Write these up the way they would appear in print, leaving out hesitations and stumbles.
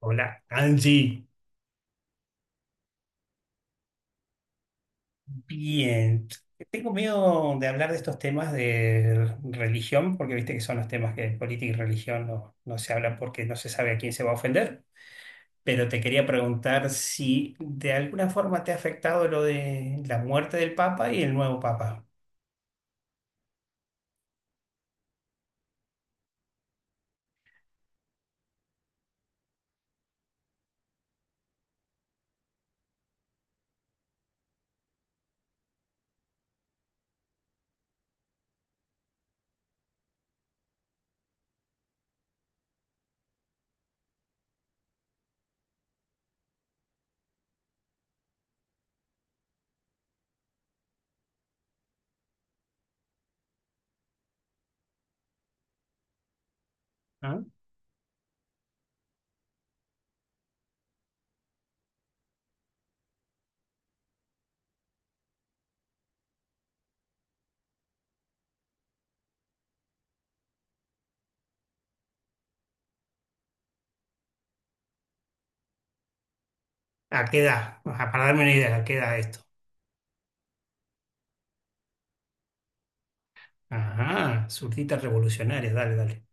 Hola, Angie. Bien. Tengo miedo de hablar de estos temas de religión, porque viste que son los temas que de política y religión no se hablan porque no se sabe a quién se va a ofender. Pero te quería preguntar si de alguna forma te ha afectado lo de la muerte del Papa y el nuevo Papa. ¿Ah? ¿A qué edad? Ajá, para darme una idea, ¿a qué edad esto? Ajá, surtitas revolucionarias, dale, dale.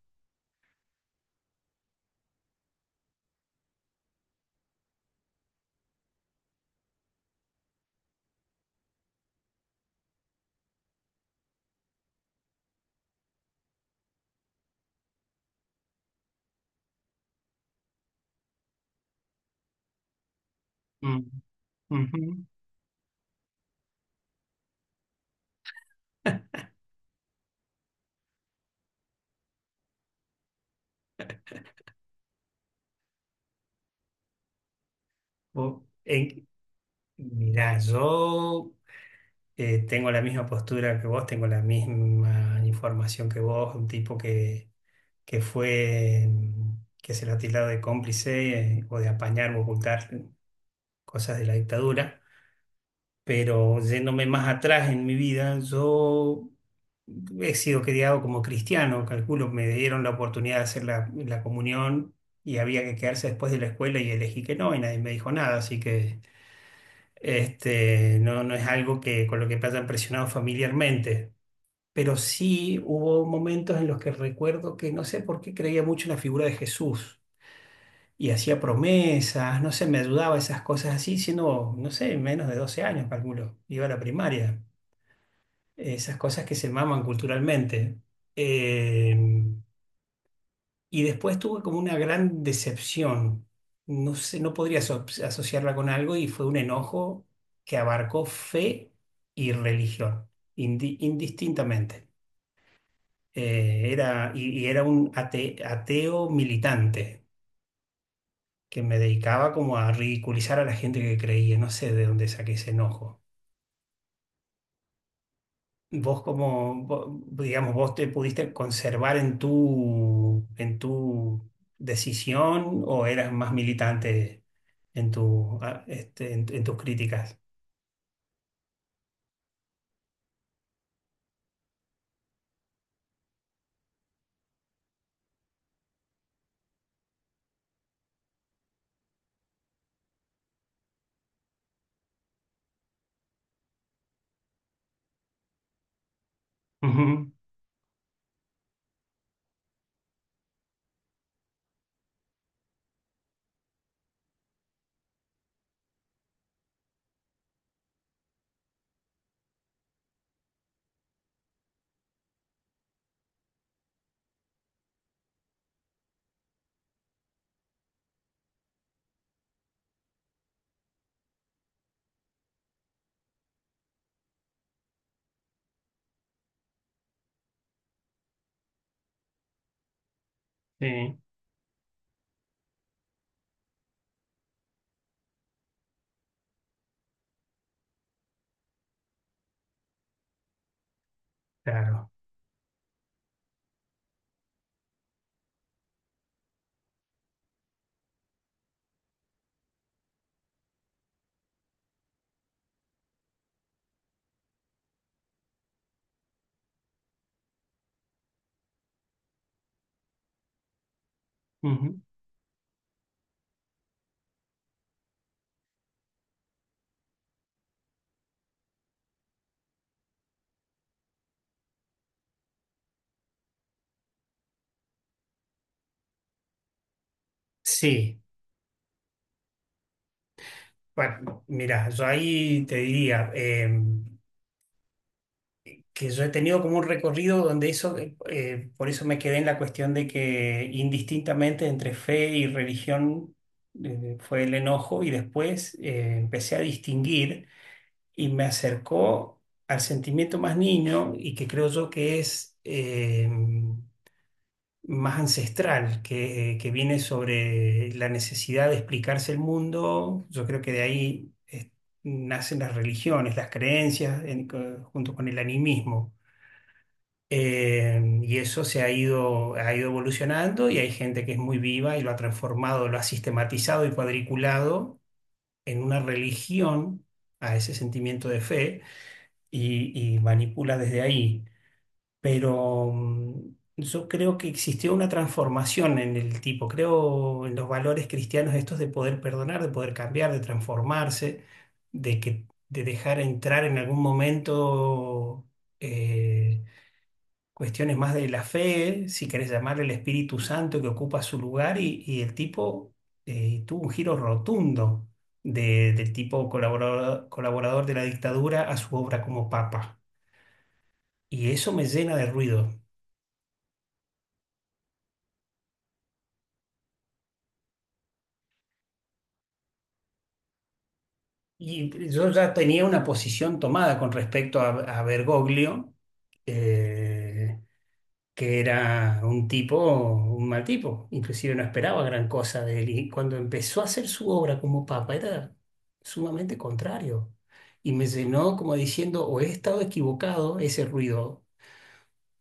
Mm, ujú. O- en- mirá, yo tengo la misma postura que vos, tengo la misma información que vos, un tipo que fue, que se lo ha tildado de cómplice o de apañar o ocultar cosas de la dictadura, pero yéndome más atrás en mi vida, yo he sido criado como cristiano, calculo, me dieron la oportunidad de hacer la, la comunión y había que quedarse después de la escuela y elegí que no y nadie me dijo nada, así que... Este, no es algo que con lo que me hayan presionado familiarmente pero sí hubo momentos en los que recuerdo que no sé por qué creía mucho en la figura de Jesús y hacía promesas, no sé, me ayudaba esas cosas así, siendo, no sé, menos de 12 años, calculo, iba a la primaria, esas cosas que se maman culturalmente. Eh, y después tuve como una gran decepción, no sé, no podría asociarla con algo y fue un enojo que abarcó fe y religión, indistintamente. Y era un ateo militante que me dedicaba como a ridiculizar a la gente que creía. No sé de dónde saqué ese enojo. Vos como, digamos, vos te pudiste conservar en tu decisión o eras más militante en en tus críticas. Ujú, sí, claro. Ujú. Sí, bueno, mira, yo ahí te diría, que yo he tenido como un recorrido donde eso, por eso me quedé en la cuestión de que indistintamente entre fe y religión fue el enojo y después empecé a distinguir y me acercó al sentimiento más niño y que creo yo que es más ancestral, que viene sobre la necesidad de explicarse el mundo. Yo creo que de ahí... nacen las religiones, las creencias, en- junto con el animismo. Y eso se ha ido evolucionando y hay gente que es muy viva y lo ha transformado, lo ha sistematizado y cuadriculado en una religión a ese sentimiento de fe y manipula desde ahí. Pero yo creo que existió una transformación en el tipo, creo en los valores cristianos estos de poder perdonar, de poder cambiar, de transformarse, de que, de dejar entrar en algún momento. eh, Cuestiones más de la fe, si querés llamarle el Espíritu Santo que ocupa su lugar y el tipo tuvo un giro rotundo del tipo colaborador, colaborador de la dictadura a su obra como papa. Y eso me llena de ruido. Y yo ya tenía una posición tomada con respecto a Bergoglio. eh, que era un tipo, un mal tipo. Inclusive no esperaba gran cosa de él. Y cuando empezó a hacer su obra como papa, era sumamente contrario. Y me llenó como diciendo, o he estado equivocado ese ruido,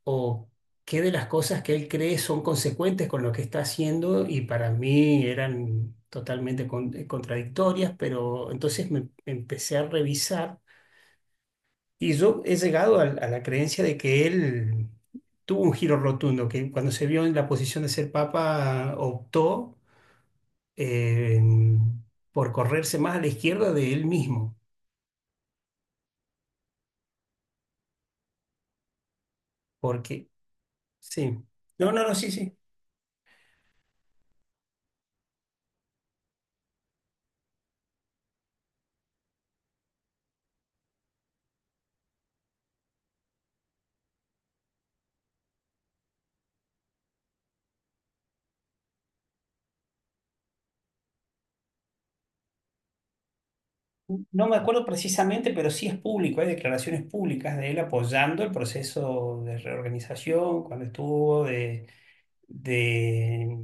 o qué de las cosas que él cree son consecuentes con lo que está haciendo y para mí eran totalmente contradictorias, pero entonces me empecé a revisar y yo he llegado a la creencia de que él tuvo un giro rotundo, que cuando se vio en la posición de ser papa optó eh, por correrse más a la izquierda de él mismo, porque sí. No, sí, sí. No me acuerdo precisamente, pero sí es público, hay declaraciones públicas de él apoyando el proceso de reorganización cuando estuvo, de,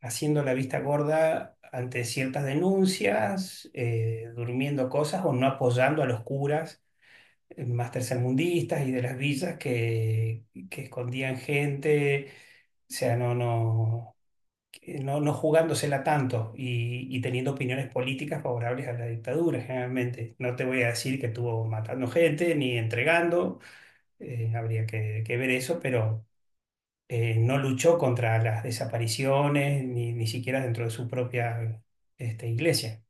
haciendo la vista gorda ante ciertas denuncias, durmiendo cosas o no apoyando a los curas más tercermundistas y de las villas que escondían gente, o sea, no, no, que no, no jugándosela tanto y teniendo opiniones políticas favorables a la dictadura generalmente. No te voy a decir que estuvo matando gente ni entregando, habría que ver eso, pero no luchó contra las desapariciones, ni siquiera dentro de su propia este, iglesia.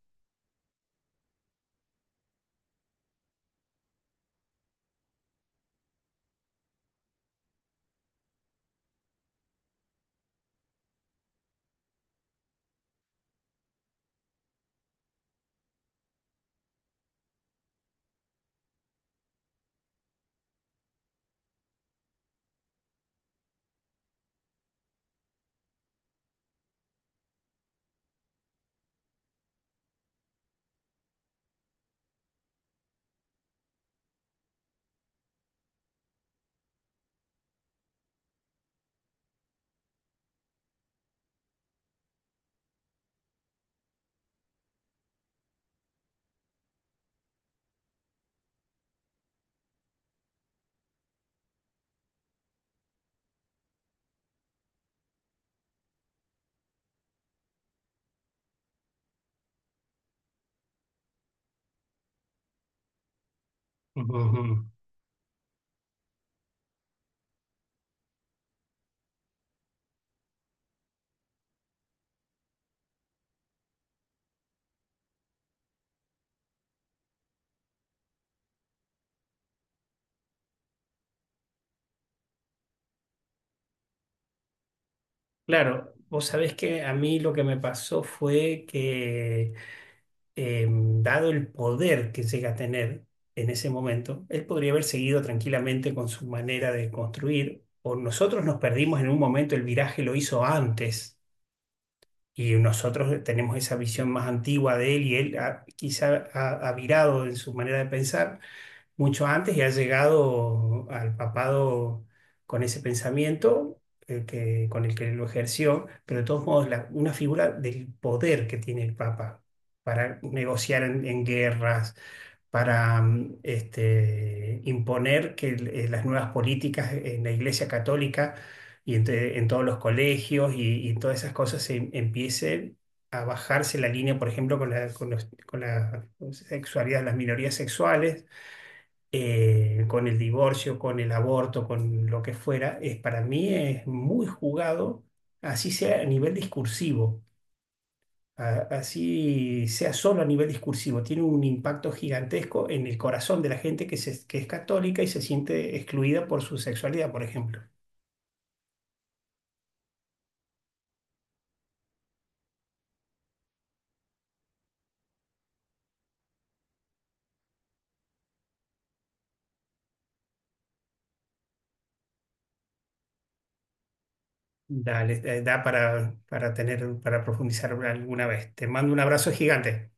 Ujú. Claro, vos sabés que a mí lo que me pasó fue que, dado el poder que llega a tener en ese momento, él podría haber seguido tranquilamente con su manera de construir, o nosotros nos perdimos en un momento, el viraje lo hizo antes, y nosotros tenemos esa visión más antigua de él, y él quizá ha virado en su manera de pensar mucho antes y ha llegado al papado con ese pensamiento con el que lo ejerció, pero de todos modos una figura del poder que tiene el papa para negociar en guerras, para imponer que las nuevas políticas en la Iglesia Católica y todos los colegios y todas esas cosas se empiece a bajarse la línea, por ejemplo, con la, con la sexualidad, las minorías sexuales, con el divorcio, con el aborto, con lo que fuera, es, para mí es muy jugado, así sea a nivel discursivo, así sea solo a nivel discursivo, tiene un impacto gigantesco en el corazón de la gente que, que es católica y se siente excluida por su sexualidad, por ejemplo. Dale, da para tener, para profundizar alguna vez. Te mando un abrazo gigante.